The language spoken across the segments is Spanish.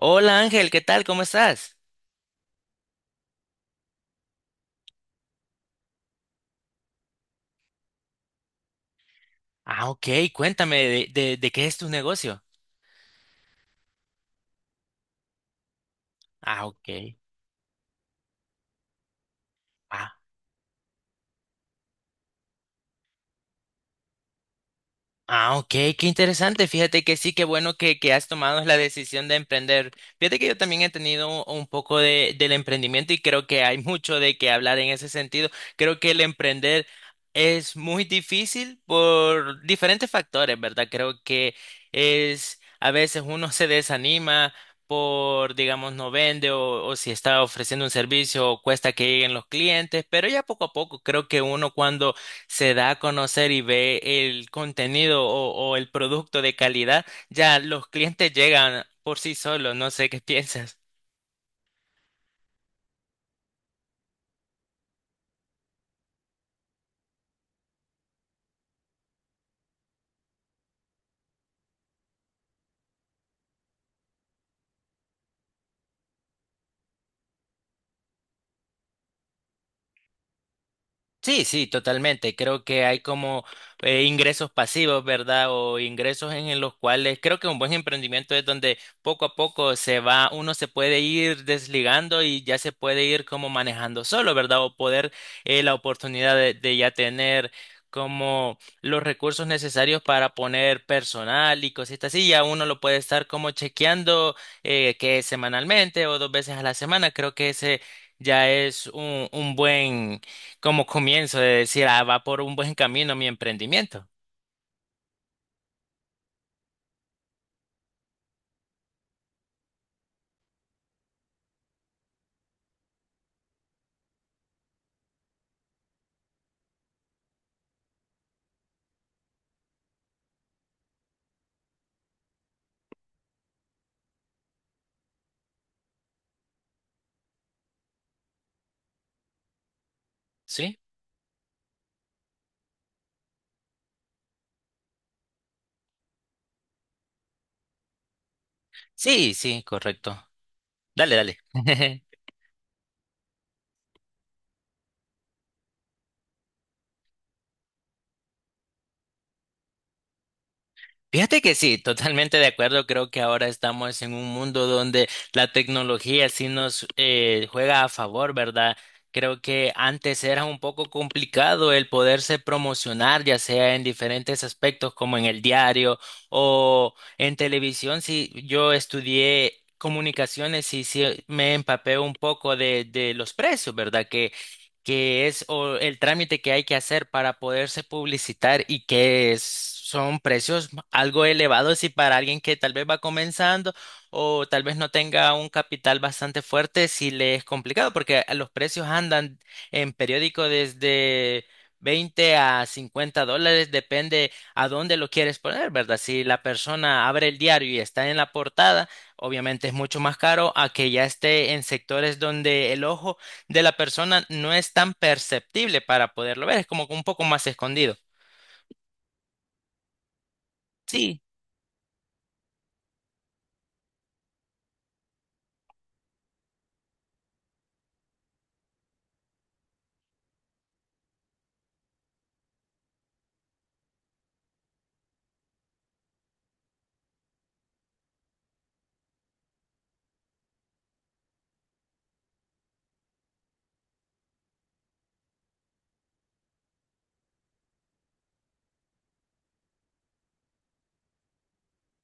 Hola Ángel, ¿qué tal? ¿Cómo estás? Ah, ok, cuéntame de qué es tu negocio. Ah, ok. Ah, Ah, ok, qué interesante. Fíjate que sí, qué bueno que has tomado la decisión de emprender. Fíjate que yo también he tenido un poco del emprendimiento y creo que hay mucho de qué hablar en ese sentido. Creo que el emprender es muy difícil por diferentes factores, ¿verdad? Creo que es, a veces uno se desanima por, digamos, no vende o si está ofreciendo un servicio, cuesta que lleguen los clientes, pero ya poco a poco creo que uno cuando se da a conocer y ve el contenido o el producto de calidad, ya los clientes llegan por sí solos. No sé qué piensas. Sí, sí, totalmente. Creo que hay como ingresos pasivos, ¿verdad? O ingresos en los cuales creo que un buen emprendimiento es donde poco a poco se va, uno se puede ir desligando y ya se puede ir como manejando solo, ¿verdad? O poder la oportunidad de ya tener como los recursos necesarios para poner personal y cositas así. Ya uno lo puede estar como chequeando que semanalmente o dos veces a la semana. Creo que ese ya es un buen como comienzo de decir, ah, va por un buen camino mi emprendimiento, ¿sí? Sí, sí, correcto. Dale, dale. Fíjate que sí, totalmente de acuerdo. Creo que ahora estamos en un mundo donde la tecnología sí nos juega a favor, ¿verdad? Creo que antes era un poco complicado el poderse promocionar, ya sea en diferentes aspectos como en el diario o en televisión. Sí, yo estudié comunicaciones y sí me empapé un poco de los precios, ¿verdad? Que es o el trámite que hay que hacer para poderse publicitar y que son precios algo elevados y para alguien que tal vez va comenzando o tal vez no tenga un capital bastante fuerte, sí le es complicado porque los precios andan en periódico desde 20 a $50, depende a dónde lo quieres poner, ¿verdad? Si la persona abre el diario y está en la portada, obviamente es mucho más caro a que ya esté en sectores donde el ojo de la persona no es tan perceptible para poderlo ver, es como que un poco más escondido. Sí,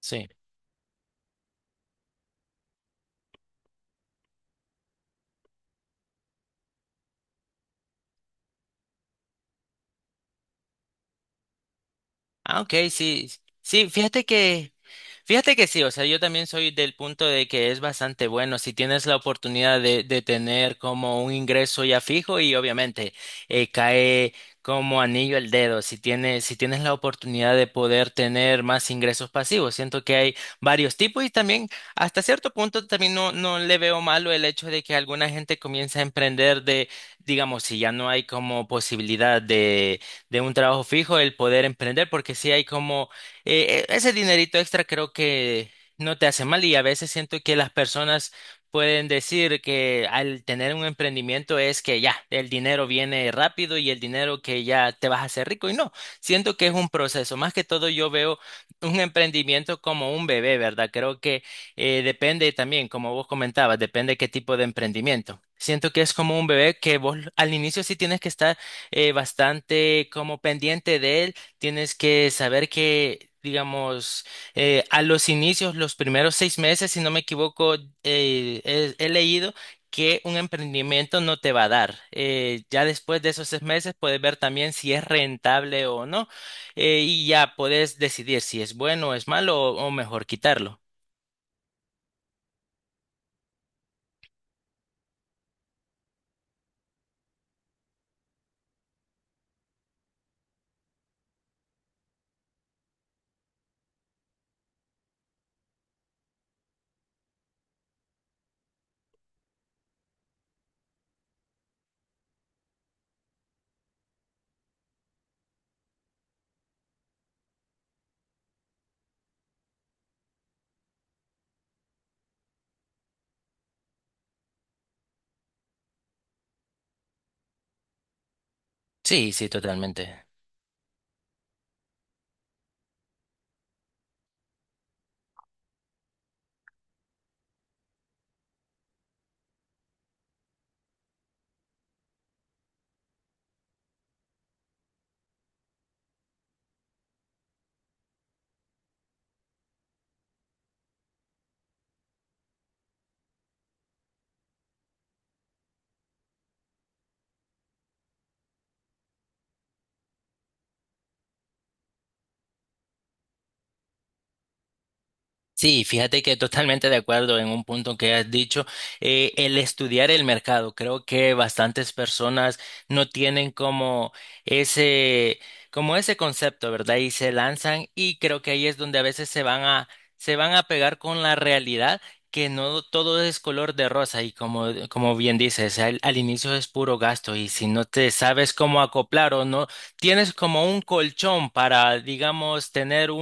sí. Ah, ok, sí. Sí. Fíjate que sí, o sea, yo también soy del punto de que es bastante bueno si tienes la oportunidad de tener como un ingreso ya fijo y obviamente cae como anillo al dedo si tienes la oportunidad de poder tener más ingresos pasivos. Siento que hay varios tipos y también hasta cierto punto también no, no le veo malo el hecho de que alguna gente comience a emprender de, digamos, si ya no hay como posibilidad de un trabajo fijo, el poder emprender porque sí hay como ese dinerito extra creo que no te hace mal y a veces siento que las personas pueden decir que al tener un emprendimiento es que ya, el dinero viene rápido y el dinero que ya te vas a hacer rico y no, siento que es un proceso. Más que todo yo veo un emprendimiento como un bebé, ¿verdad? Creo que depende también, como vos comentabas, depende qué tipo de emprendimiento. Siento que es como un bebé que vos al inicio sí tienes que estar bastante como pendiente de él. Tienes que saber que, digamos, a los inicios, los primeros seis meses, si no me equivoco, he leído que un emprendimiento no te va a dar. Ya después de esos seis meses puedes ver también si es rentable o no, y ya puedes decidir si es bueno o es malo o mejor quitarlo. Sí, sí, totalmente. Sí, fíjate que totalmente de acuerdo en un punto que has dicho. El estudiar el mercado, creo que bastantes personas no tienen ese, como ese concepto, ¿verdad? Y se lanzan y creo que ahí es donde a veces se van a pegar con la realidad que no todo es color de rosa y como bien dices, al inicio es puro gasto y si no te sabes cómo acoplar o no tienes como un colchón para, digamos, tener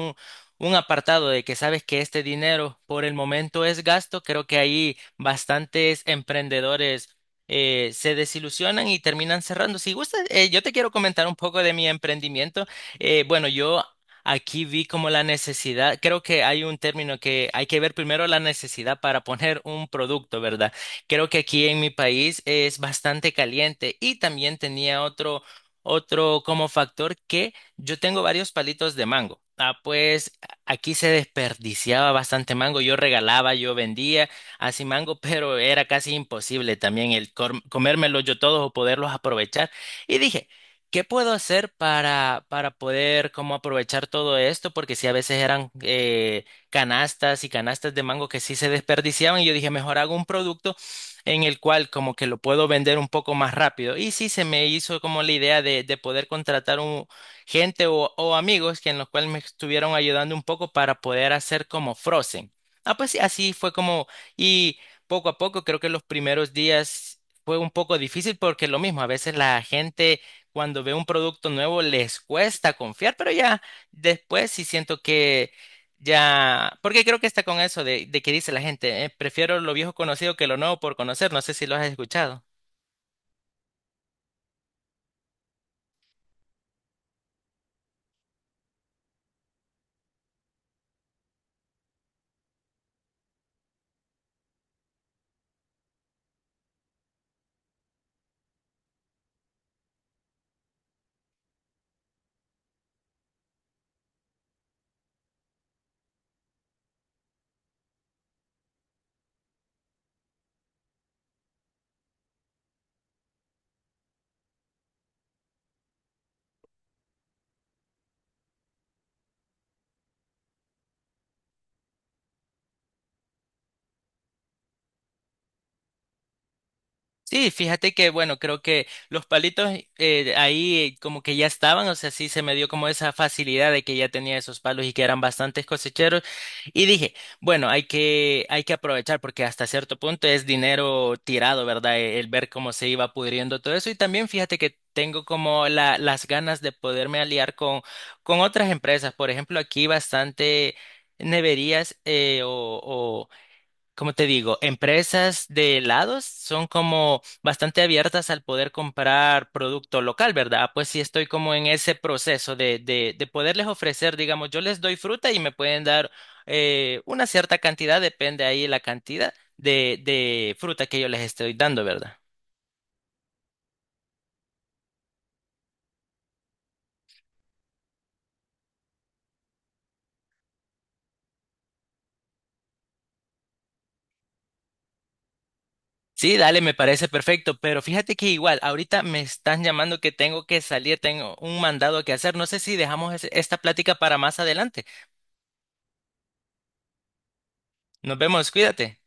un apartado de que sabes que este dinero por el momento es gasto, creo que ahí bastantes emprendedores se desilusionan y terminan cerrando. Si gustas, yo te quiero comentar un poco de mi emprendimiento. Bueno, yo aquí vi como la necesidad, creo que hay un término que hay que ver primero la necesidad para poner un producto, ¿verdad? Creo que aquí en mi país es bastante caliente y también tenía otro como factor que yo tengo varios palitos de mango. Ah, pues aquí se desperdiciaba bastante mango, yo regalaba, yo vendía así mango, pero era casi imposible también el comérmelos yo todos o poderlos aprovechar. Y dije, ¿qué puedo hacer para poder como aprovechar todo esto? Porque sí, a veces eran canastas y canastas de mango que sí se desperdiciaban y yo dije, mejor hago un producto en el cual como que lo puedo vender un poco más rápido. Y sí, se me hizo como la idea de poder contratar gente o amigos que en los cuales me estuvieron ayudando un poco para poder hacer como Frozen. Ah, pues sí, así fue como, y poco a poco creo que los primeros días fue un poco difícil porque lo mismo, a veces la gente cuando ve un producto nuevo les cuesta confiar, pero ya después sí siento que ya, porque creo que está con eso de que dice la gente, prefiero lo viejo conocido que lo nuevo por conocer, no sé si lo has escuchado. Sí, fíjate que, bueno, creo que los palitos ahí como que ya estaban, o sea, sí se me dio como esa facilidad de que ya tenía esos palos y que eran bastantes cosecheros. Y dije, bueno, hay que aprovechar porque hasta cierto punto es dinero tirado, ¿verdad? El, ver cómo se iba pudriendo todo eso. Y también fíjate que tengo como la, las ganas de poderme aliar con otras empresas. Por ejemplo, aquí bastante neverías o, como te digo, empresas de helados son como bastante abiertas al poder comprar producto local, ¿verdad? Pues sí estoy como en ese proceso de poderles ofrecer, digamos, yo les doy fruta y me pueden dar una cierta cantidad, depende ahí la cantidad de fruta que yo les estoy dando, ¿verdad? Sí, dale, me parece perfecto, pero fíjate que igual, ahorita me están llamando que tengo que salir, tengo un mandado que hacer, no sé si dejamos esta plática para más adelante. Nos vemos, cuídate.